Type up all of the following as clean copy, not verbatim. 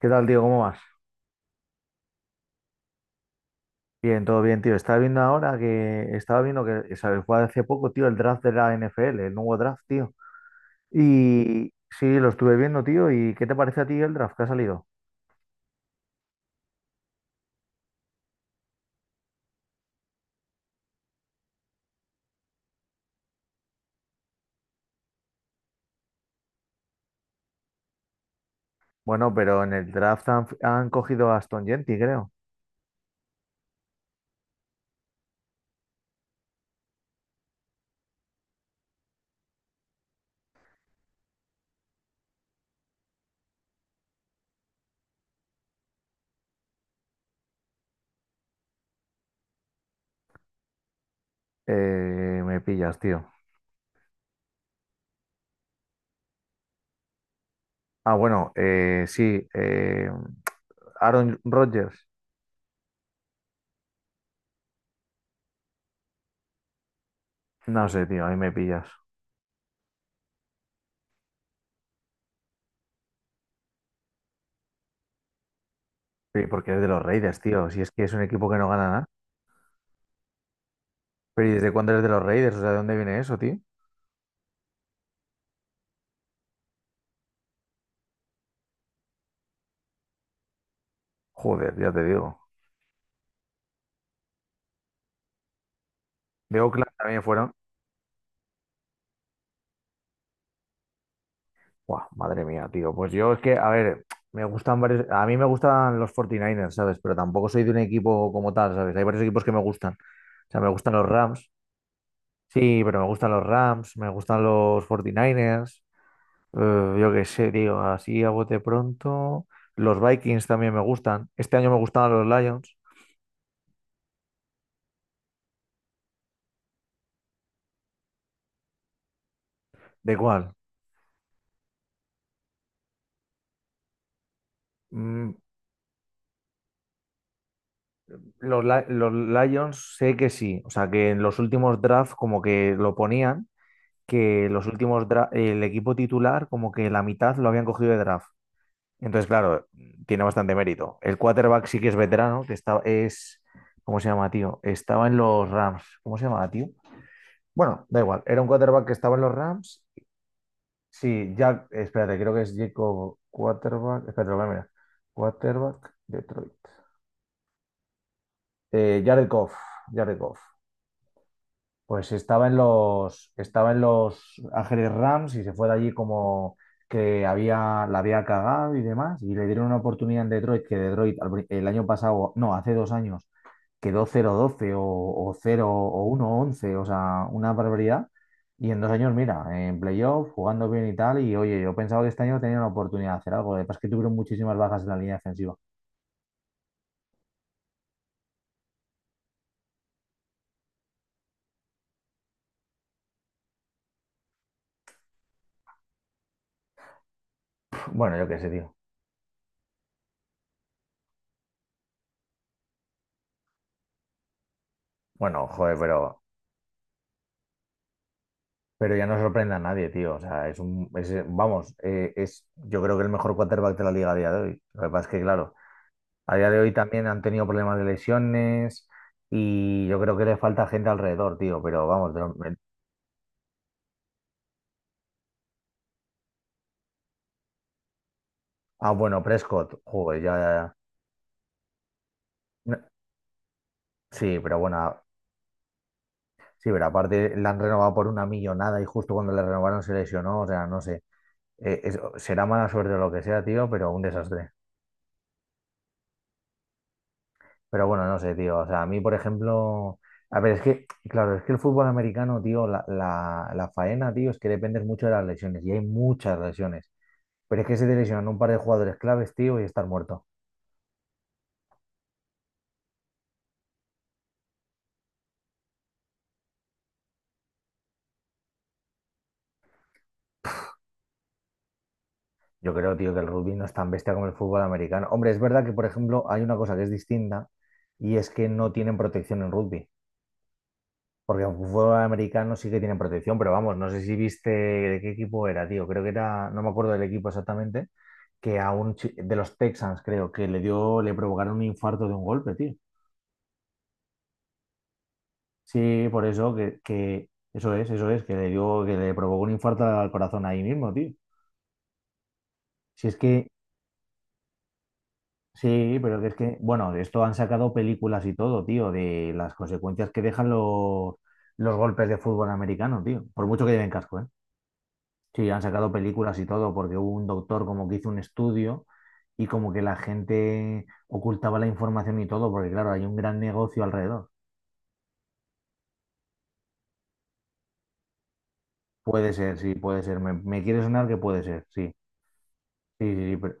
¿Qué tal, tío? ¿Cómo vas? Bien, todo bien, tío. Estaba viendo ahora que estaba viendo que se fue hace poco, tío, el draft de la NFL, el nuevo draft, tío. Y sí, lo estuve viendo, tío. ¿Y qué te parece a ti el draft que ha salido? Bueno, pero en el draft han cogido a Aston Gentry, creo. Me pillas, tío. Ah, bueno, sí. Aaron Rodgers. No sé, tío, ahí me pillas. Sí, porque es de los Raiders, tío. Si es que es un equipo que no gana nada. Pero ¿y desde cuándo eres de los Raiders? O sea, ¿de dónde viene eso, tío? Joder, ya te digo. De Oakland también fueron. Buah, madre mía, tío. Pues yo es que, a ver, me gustan varios. A mí me gustan los 49 Niners, ¿sabes? Pero tampoco soy de un equipo como tal, ¿sabes? Hay varios equipos que me gustan. O sea, me gustan los Rams. Sí, pero me gustan los Rams, me gustan los 49 Niners, yo qué sé, tío, así a bote pronto. Los Vikings también me gustan. Este año me gustaban los Lions. ¿De cuál? Mm, los Lions sé que sí. O sea, que en los últimos drafts como que lo ponían, que los últimos dra- el equipo titular, como que la mitad lo habían cogido de draft. Entonces, claro, tiene bastante mérito. El quarterback sí que es veterano, que está, es, ¿cómo se llama, tío? Estaba en los Rams. ¿Cómo se llama, tío? Bueno, da igual. Era un quarterback que estaba en los Rams. Sí, Jack, espérate, creo que es Jacob quarterback. Espérate, lo voy a mirar. Quarterback Detroit. Jared Goff. Jared Goff. Pues estaba en los Ángeles Rams y se fue de allí como que había, la había cagado y demás. Y le dieron una oportunidad en Detroit, que el año pasado, no, hace dos años, quedó cero doce o 0 o uno once, o sea, una barbaridad. Y en dos años, mira, en playoff, jugando bien y tal. Y oye, yo pensaba que este año tenía una oportunidad de hacer algo. Lo que pasa es que tuvieron muchísimas bajas en la línea defensiva. Bueno, yo qué sé, tío. Bueno, joder, pero ya no sorprende a nadie, tío. O sea, es un, es, vamos, es, yo creo que el mejor quarterback de la liga a día de hoy. Lo que pasa es que, claro, a día de hoy también han tenido problemas de lesiones y yo creo que le falta gente alrededor, tío. Pero vamos, ah, bueno, Prescott, joder, no- sí, pero bueno, sí, pero aparte la han renovado por una millonada y justo cuando le renovaron se lesionó, o sea, no sé. Será mala suerte o lo que sea, tío, pero un desastre. Pero bueno, no sé, tío. O sea, a mí, por ejemplo, a ver, es que, claro, es que el fútbol americano, tío, la faena, tío, es que dependes mucho de las lesiones y hay muchas lesiones. Pero es que se te lesionan un par de jugadores claves, tío, y estar muerto. Yo creo, tío, que el rugby no es tan bestia como el fútbol americano. Hombre, es verdad que, por ejemplo, hay una cosa que es distinta y es que no tienen protección en rugby. Porque aunque fútbol americano sí que tienen protección, pero vamos, no sé si viste de qué equipo era, tío. Creo que era, no me acuerdo del equipo exactamente, que a un chi- de los Texans, creo, que le dio, le provocaron un infarto de un golpe, tío. Sí, por eso que que le dio, que le provocó un infarto al corazón ahí mismo, tío. Si es que, sí, pero que es que, bueno, de esto han sacado películas y todo, tío, de las consecuencias que dejan los golpes de fútbol americano, tío. Por mucho que lleven casco, ¿eh? Sí, han sacado películas y todo, porque hubo un doctor como que hizo un estudio y como que la gente ocultaba la información y todo, porque claro, hay un gran negocio alrededor. Puede ser, sí, puede ser. Me quiere sonar que puede ser, sí. Sí,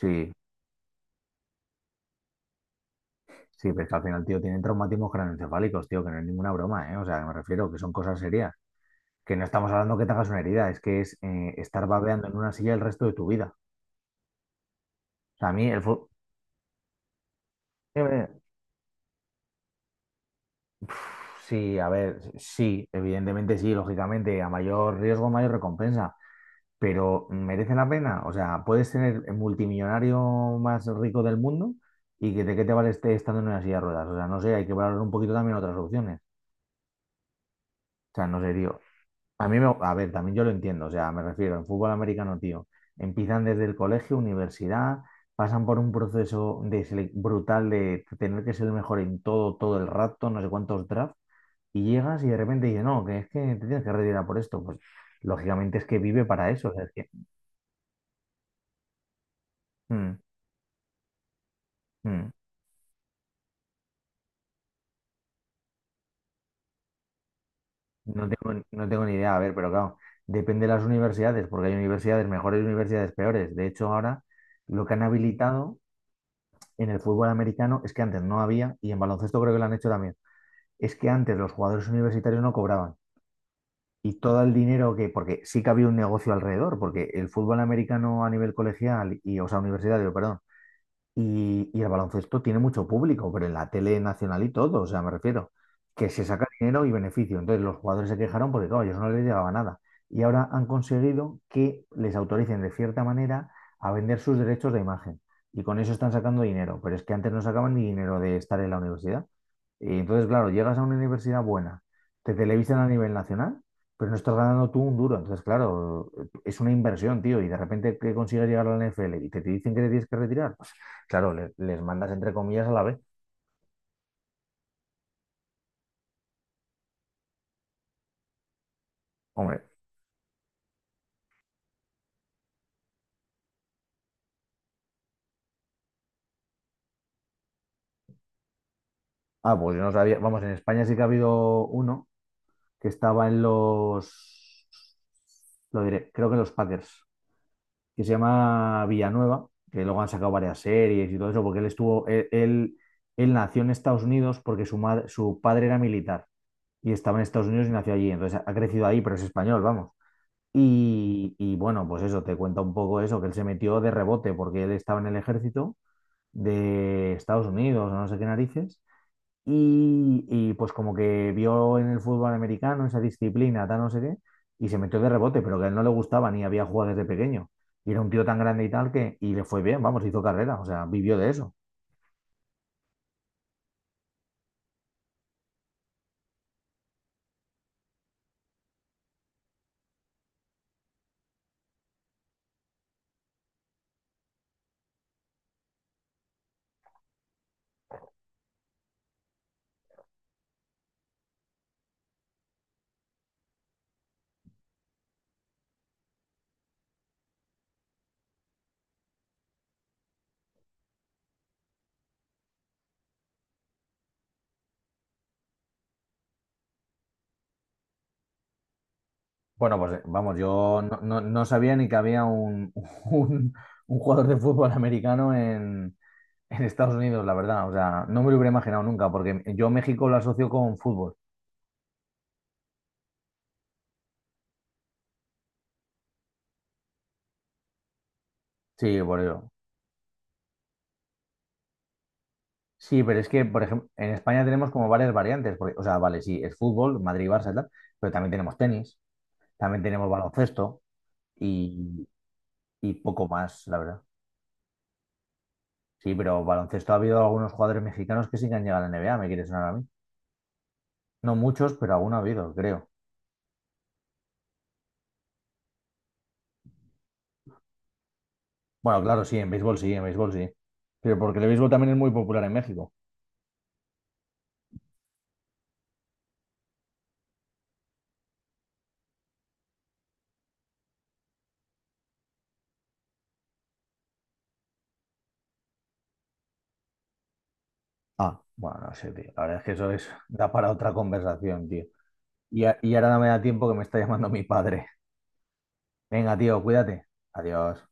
sí, sí, pero es que al final, tío, tienen traumatismos craneoencefálicos, tío, que no es ninguna broma, ¿eh? O sea, me refiero que son cosas serias. Que no estamos hablando que te hagas una herida, es que es estar babeando en una silla el resto de tu vida. O sea, a mí el fútbol... Sí, a ver, sí, evidentemente sí, lógicamente, a mayor riesgo, mayor recompensa, pero ¿merece la pena? O sea, puedes tener el multimillonario más rico del mundo y que de qué te vale este estando en una silla de ruedas. O sea, no sé, hay que valorar un poquito también otras opciones. O sea, no sé, tío. A mí, me, a ver, también yo lo entiendo, o sea, me refiero, en fútbol americano, tío, empiezan desde el colegio, universidad, pasan por un proceso brutal de tener que ser el mejor en todo, todo el rato, no sé cuántos drafts y llegas y de repente dices, no, que es que te tienes que retirar por esto. Pues lógicamente es que vive para eso. O sea, es que, mm, mm, no tengo ni idea, a ver, pero claro, depende de las universidades, porque hay universidades mejores y universidades peores. De hecho, ahora lo que han habilitado en el fútbol americano es que antes no había, y en baloncesto creo que lo han hecho también, es que antes los jugadores universitarios no cobraban. Y todo el dinero que, porque sí que había un negocio alrededor, porque el fútbol americano a nivel colegial y, o sea, universitario, perdón, y el baloncesto tiene mucho público, pero en la tele nacional y todo, o sea, me refiero, que se saca dinero y beneficio. Entonces los jugadores se quejaron porque, claro, a ellos no les llegaba nada. Y ahora han conseguido que les autoricen de cierta manera a vender sus derechos de imagen. Y con eso están sacando dinero, pero es que antes no sacaban ni dinero de estar en la universidad. Y entonces, claro, llegas a una universidad buena, te televisan a nivel nacional, pero no estás ganando tú un duro. Entonces, claro, es una inversión, tío, y de repente que consigues llegar a la NFL y te dicen que te tienes que retirar, claro, les mandas entre comillas a la B. Hombre, pues yo no sabía. Vamos, en España sí que ha habido uno que estaba en los, lo diré, creo que en los Packers, que se llama Villanueva, que luego han sacado varias series y todo eso, porque él estuvo, él nació en Estados Unidos porque su madre, su padre era militar y estaba en Estados Unidos y nació allí. Entonces ha crecido ahí, pero es español, vamos. Y bueno, pues eso, te cuenta un poco eso, que él se metió de rebote porque él estaba en el ejército de Estados Unidos o no sé qué narices. Pues como que vio en el fútbol americano esa disciplina, tal no sé qué, y se metió de rebote, pero que a él no le gustaba ni había jugado desde pequeño. Y era un tío tan grande y tal que, y le fue bien, vamos, hizo carrera, o sea, vivió de eso. Bueno, pues vamos, yo no sabía ni que había un, un jugador de fútbol americano en Estados Unidos, la verdad, o sea, no me lo hubiera imaginado nunca, porque yo México lo asocio con fútbol. Sí, por ello. Sí, pero es que, por ejemplo, en España tenemos como varias variantes, porque, o sea, vale, sí, es fútbol, Madrid, Barça y tal, pero también tenemos tenis, también tenemos baloncesto y, y poco más, la verdad. Sí, pero baloncesto ha habido algunos jugadores mexicanos que sí que han llegado a la NBA, me quiere sonar a mí. No muchos, pero alguno ha habido, creo. Bueno, claro, sí, en béisbol sí, en béisbol sí. Pero porque el béisbol también es muy popular en México. Ah, bueno, no sé, tío. La verdad es que eso es, da para otra conversación, tío. Y, y ahora no me da tiempo que me está llamando mi padre. Venga, tío, cuídate. Adiós.